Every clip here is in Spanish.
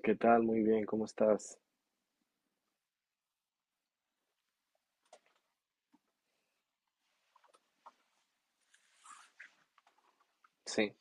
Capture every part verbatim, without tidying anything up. ¿Qué tal? Muy bien, ¿cómo estás? Sí.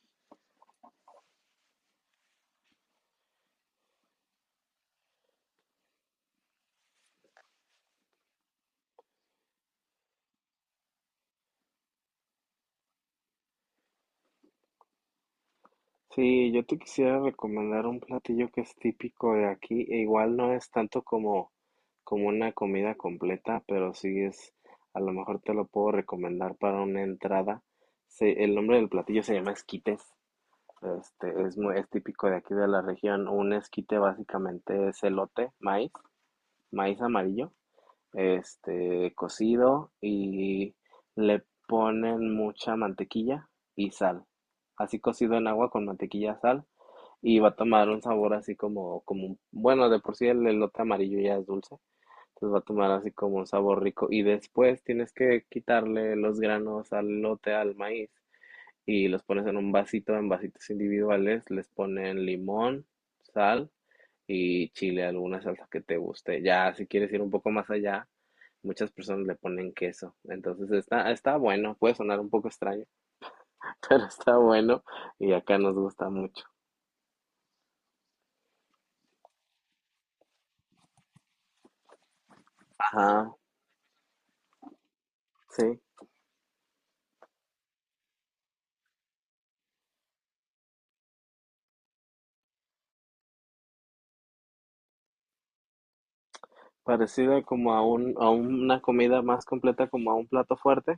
Sí, yo te quisiera recomendar un platillo que es típico de aquí, e igual no es tanto como, como una comida completa, pero sí es, a lo mejor te lo puedo recomendar para una entrada. Se- el nombre del platillo se llama esquites. Este, es muy, es típico de aquí de la región. Un esquite básicamente es elote, maíz, maíz amarillo. Este, cocido y le ponen mucha mantequilla y sal. Así cocido en agua con mantequilla, sal, y va a tomar un sabor así como, como, bueno, de por sí el elote amarillo ya es dulce, entonces va a tomar así como un sabor rico, y después tienes que quitarle los granos al elote, al maíz, y los pones en un vasito, en vasitos individuales, les ponen limón, sal y chile, alguna salsa que te guste. Ya, si quieres ir un poco más allá, muchas personas le ponen queso. Entonces está, está bueno, puede sonar un poco extraño, pero está bueno y acá nos gusta mucho. Ajá, sí, parecida como a un, a una comida más completa, como a un plato fuerte.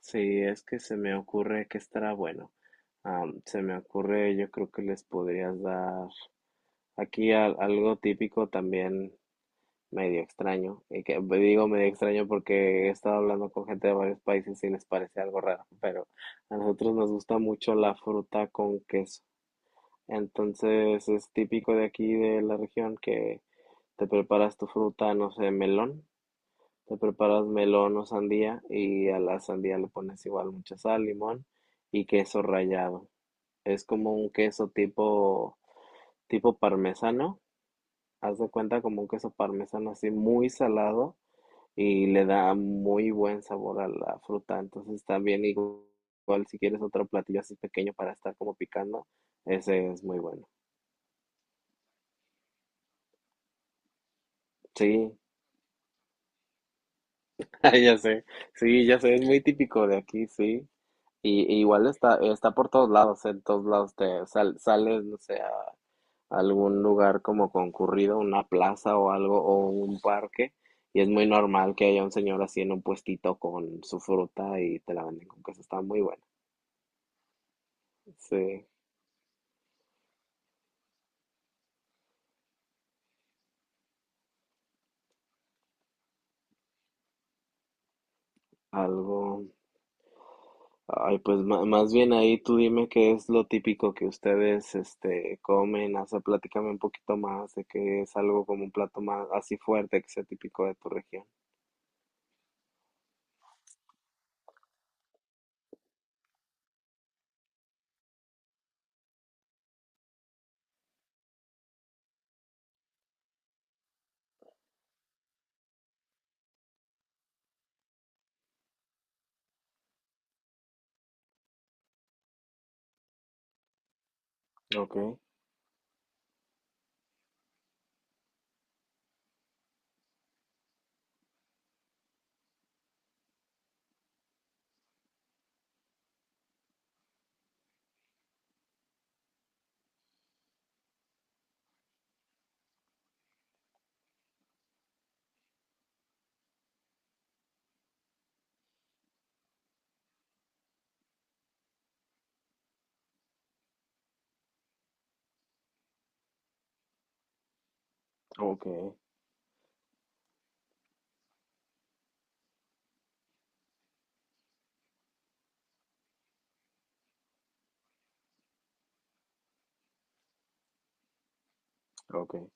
Sí, es que se me ocurre que estará bueno. Am, se me ocurre, yo creo que les podrías dar aquí al- algo típico también. Medio extraño. Y que digo medio extraño porque he estado hablando con gente de varios países y les parece algo raro, pero a nosotros nos gusta mucho la fruta con queso. Entonces es típico de aquí de la región que te preparas tu fruta, no sé, melón, te preparas melón o sandía, y a la sandía le pones igual mucha sal, limón y queso rallado. Es como un queso tipo tipo parmesano, haz de cuenta como un queso parmesano así muy salado, y le da muy buen sabor a la fruta. Entonces también igu- igual, si quieres otro platillo así pequeño para estar como picando, ese es muy bueno. Sí, ay, ya sé, sí, ya sé, es muy típico de aquí, sí. Y, y igual está, está por todos lados, en todos lados te sal- sales, no sé, a algún lugar como concurrido, una plaza o algo, o un parque, y es muy normal que haya un señor así en un puestito con su fruta y te la venden con queso, está muy bueno. Sí. Algo. Ay, pues ma- más bien ahí tú dime qué es lo típico que ustedes este comen, o sea, platícame un poquito más de qué es algo como un plato más así fuerte que sea típico de tu región. Okay, okay, okay.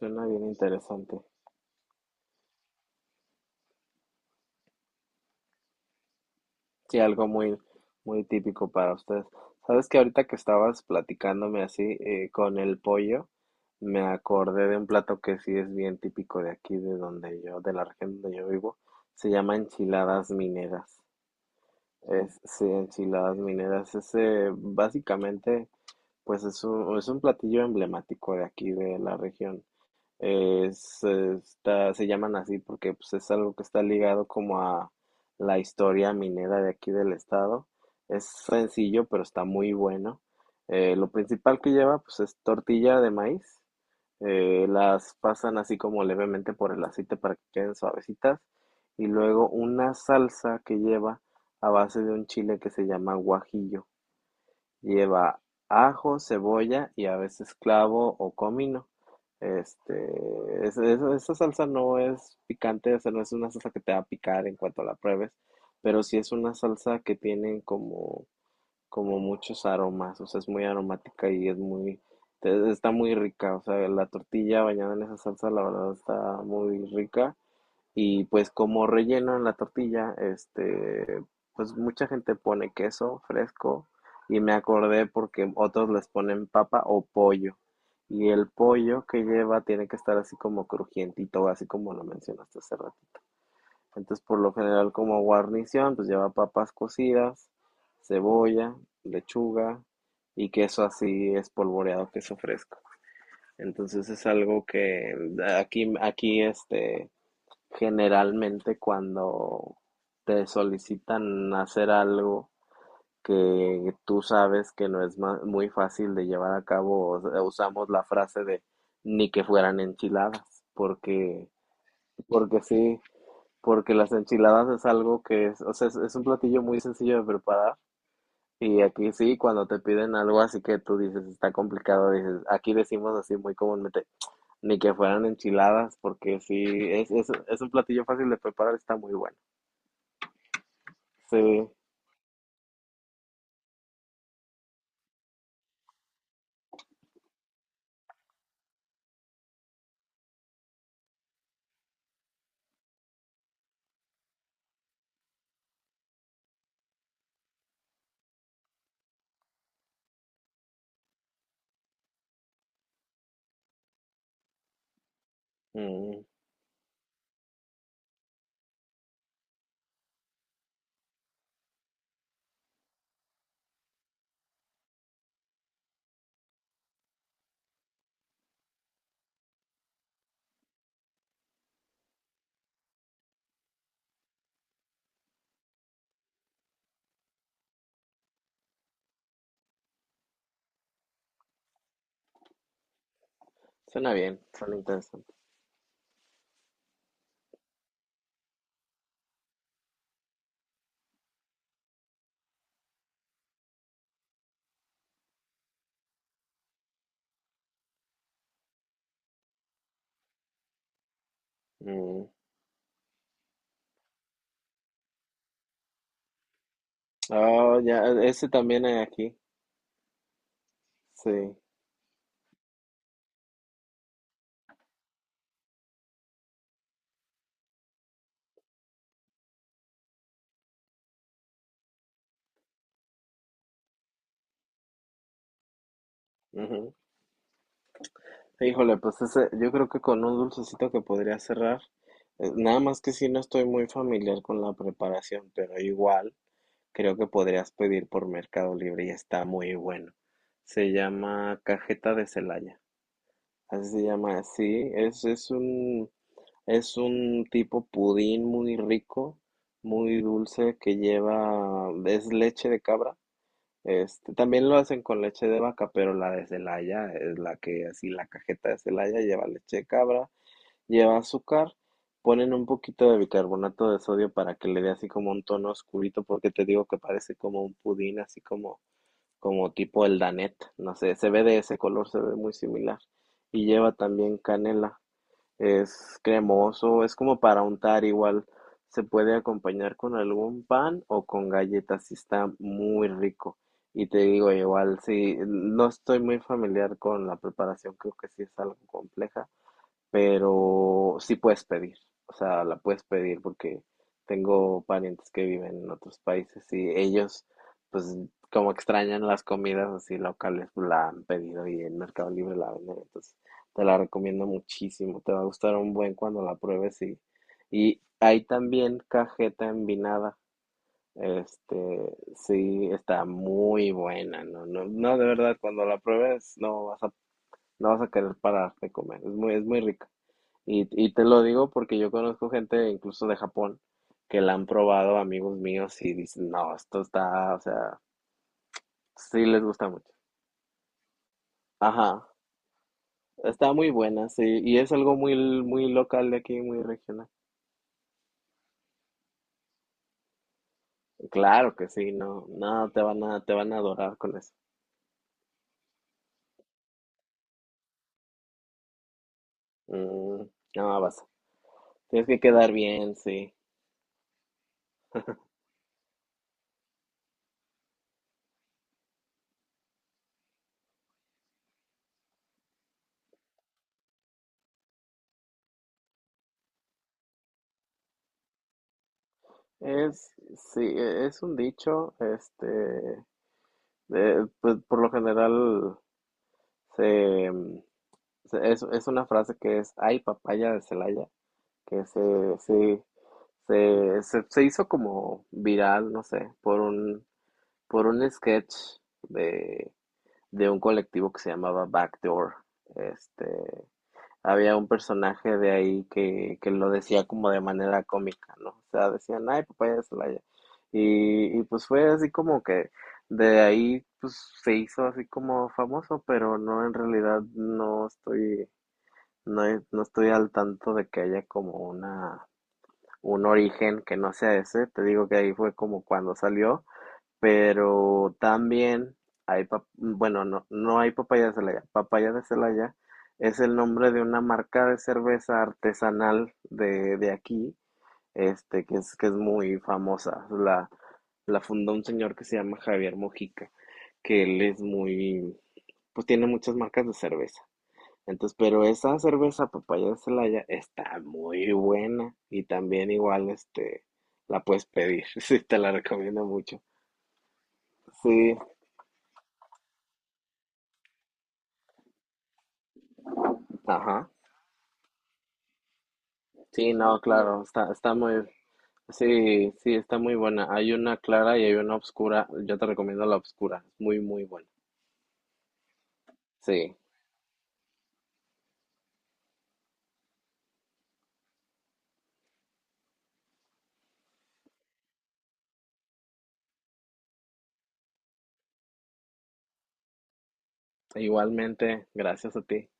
Suena bien interesante. Sí, algo muy, muy típico para ustedes. Sabes que ahorita que estabas platicándome así eh, con el pollo, me acordé de un plato que sí es bien típico de aquí, de donde yo, de la región donde yo vivo. Se llama enchiladas mineras. Es, sí, enchiladas mineras. Ese básicamente, pues es un, es un platillo emblemático de aquí, de la región. Es, está, se llaman así porque pues, es algo que está ligado como a la historia minera de aquí del estado. Es sencillo, pero está muy bueno. Eh, lo principal que lleva, pues, es tortilla de maíz, eh, las pasan así como levemente por el aceite para que queden suavecitas, y luego una salsa que lleva a base de un chile que se llama guajillo. Lleva ajo, cebolla y a veces clavo o comino. Este, es- es- Esa salsa no es picante, o sea, no es una salsa que te va a picar en cuanto la pruebes, pero sí es una salsa que tienen como como muchos aromas, o sea, es muy aromática y es muy, te- está muy rica, o sea, la tortilla bañada en esa salsa, la verdad está muy rica. Y pues como relleno en la tortilla, este, pues mucha gente pone queso fresco, y me acordé porque otros les ponen papa o pollo. Y el pollo que lleva tiene que estar así como crujientito, así como lo mencionaste hace rato. Entonces, por lo general, como guarnición, pues lleva papas cocidas, cebolla, lechuga y queso así espolvoreado, queso fresco. Entonces es algo que aquí, aquí este, generalmente cuando te solicitan hacer algo que tú sabes que no es muy fácil de llevar a cabo, usamos la frase de ni que fueran enchiladas, porque, porque sí, porque las enchiladas es algo que es, o sea, es, es un platillo muy sencillo de preparar. Y aquí sí, cuando te piden algo así que tú dices está complicado, dices, aquí decimos así muy comúnmente, ni que fueran enchiladas, porque sí, es, es, es un platillo fácil de preparar, está muy bueno. Sí, mm, suena bien, suena interesante. Mm. Oh, ya, ese también hay aquí, sí. Híjole, pues ese, yo creo que con un dulcecito que podría cerrar, eh, nada más que si no estoy muy familiar con la preparación, pero igual creo que podrías pedir por Mercado Libre y está muy bueno. Se llama cajeta de Celaya, así se llama, sí, es, es un, es un tipo pudín muy rico, muy dulce, que lleva, es leche de cabra, este, también lo hacen con leche de vaca, pero la de Celaya es la que así la cajeta de Celaya lleva leche de cabra, lleva azúcar, ponen un poquito de bicarbonato de sodio para que le dé así como un tono oscurito, porque te digo que parece como un pudín, así como como tipo el Danet, no sé, se ve de ese color, se ve muy similar, y lleva también canela. Es cremoso, es como para untar igual. Se puede acompañar con algún pan o con galletas y está muy rico. Y te digo, igual, sí, no estoy muy familiar con la preparación, creo que sí es algo compleja, pero sí puedes pedir, o sea, la puedes pedir, porque tengo parientes que viven en otros países y ellos, pues, como extrañan las comidas así locales, pues, la han pedido, y en Mercado Libre la venden, entonces te la recomiendo muchísimo, te va a gustar un buen cuando la pruebes, y, y hay también cajeta envinada. Este, sí, está muy buena, no, no, no, de verdad, cuando la pruebes no vas a, no vas a querer parar de comer, es muy, es muy rica. Y, y te lo digo porque yo conozco gente incluso de Japón que la han probado, amigos míos, y dicen, no, esto está, o sea, sí les gusta mucho. Ajá, está muy buena, sí, y es algo muy, muy local de aquí, muy regional. Claro que sí, no, no, te van a, te van a adorar con eso. Mm, no, vas. Tienes que quedar bien, sí. Es, sí, e- es un dicho, este, de- pues por lo general se, se- Es, es una frase que es, ay, papaya de Celaya, que se, se, se, se, se hizo como viral, no sé, por un, por un sketch de, de un colectivo que se llamaba Backdoor. Este, había un personaje de ahí que, que lo decía como de manera cómica, ¿no? O sea, decían, ay, papaya de Celaya. Y, y pues fue así como que de ahí pues se hizo así como famoso, pero no, en realidad no estoy, no, es- no estoy al tanto de que haya como una, un origen que no sea ese. Te digo que ahí fue como cuando salió, pero también hay, pap- bueno, no, no hay papaya de Celaya. Papaya de Celaya es el nombre de una marca de cerveza artesanal de, de aquí, este, que es, que es muy famosa. La, la fundó un señor que se llama Javier Mojica, que él es muy, pues tiene muchas marcas de cerveza. Entonces, pero esa cerveza papaya de Celaya está muy buena, y también igual este la puedes pedir, sí, te la recomiendo mucho. Sí, ajá. Sí, no, ok, claro, está, está muy, sí, sí, está muy buena. Hay una clara y hay una oscura. Yo te recomiendo la oscura, es muy, muy buena. Sí, igualmente, gracias a ti.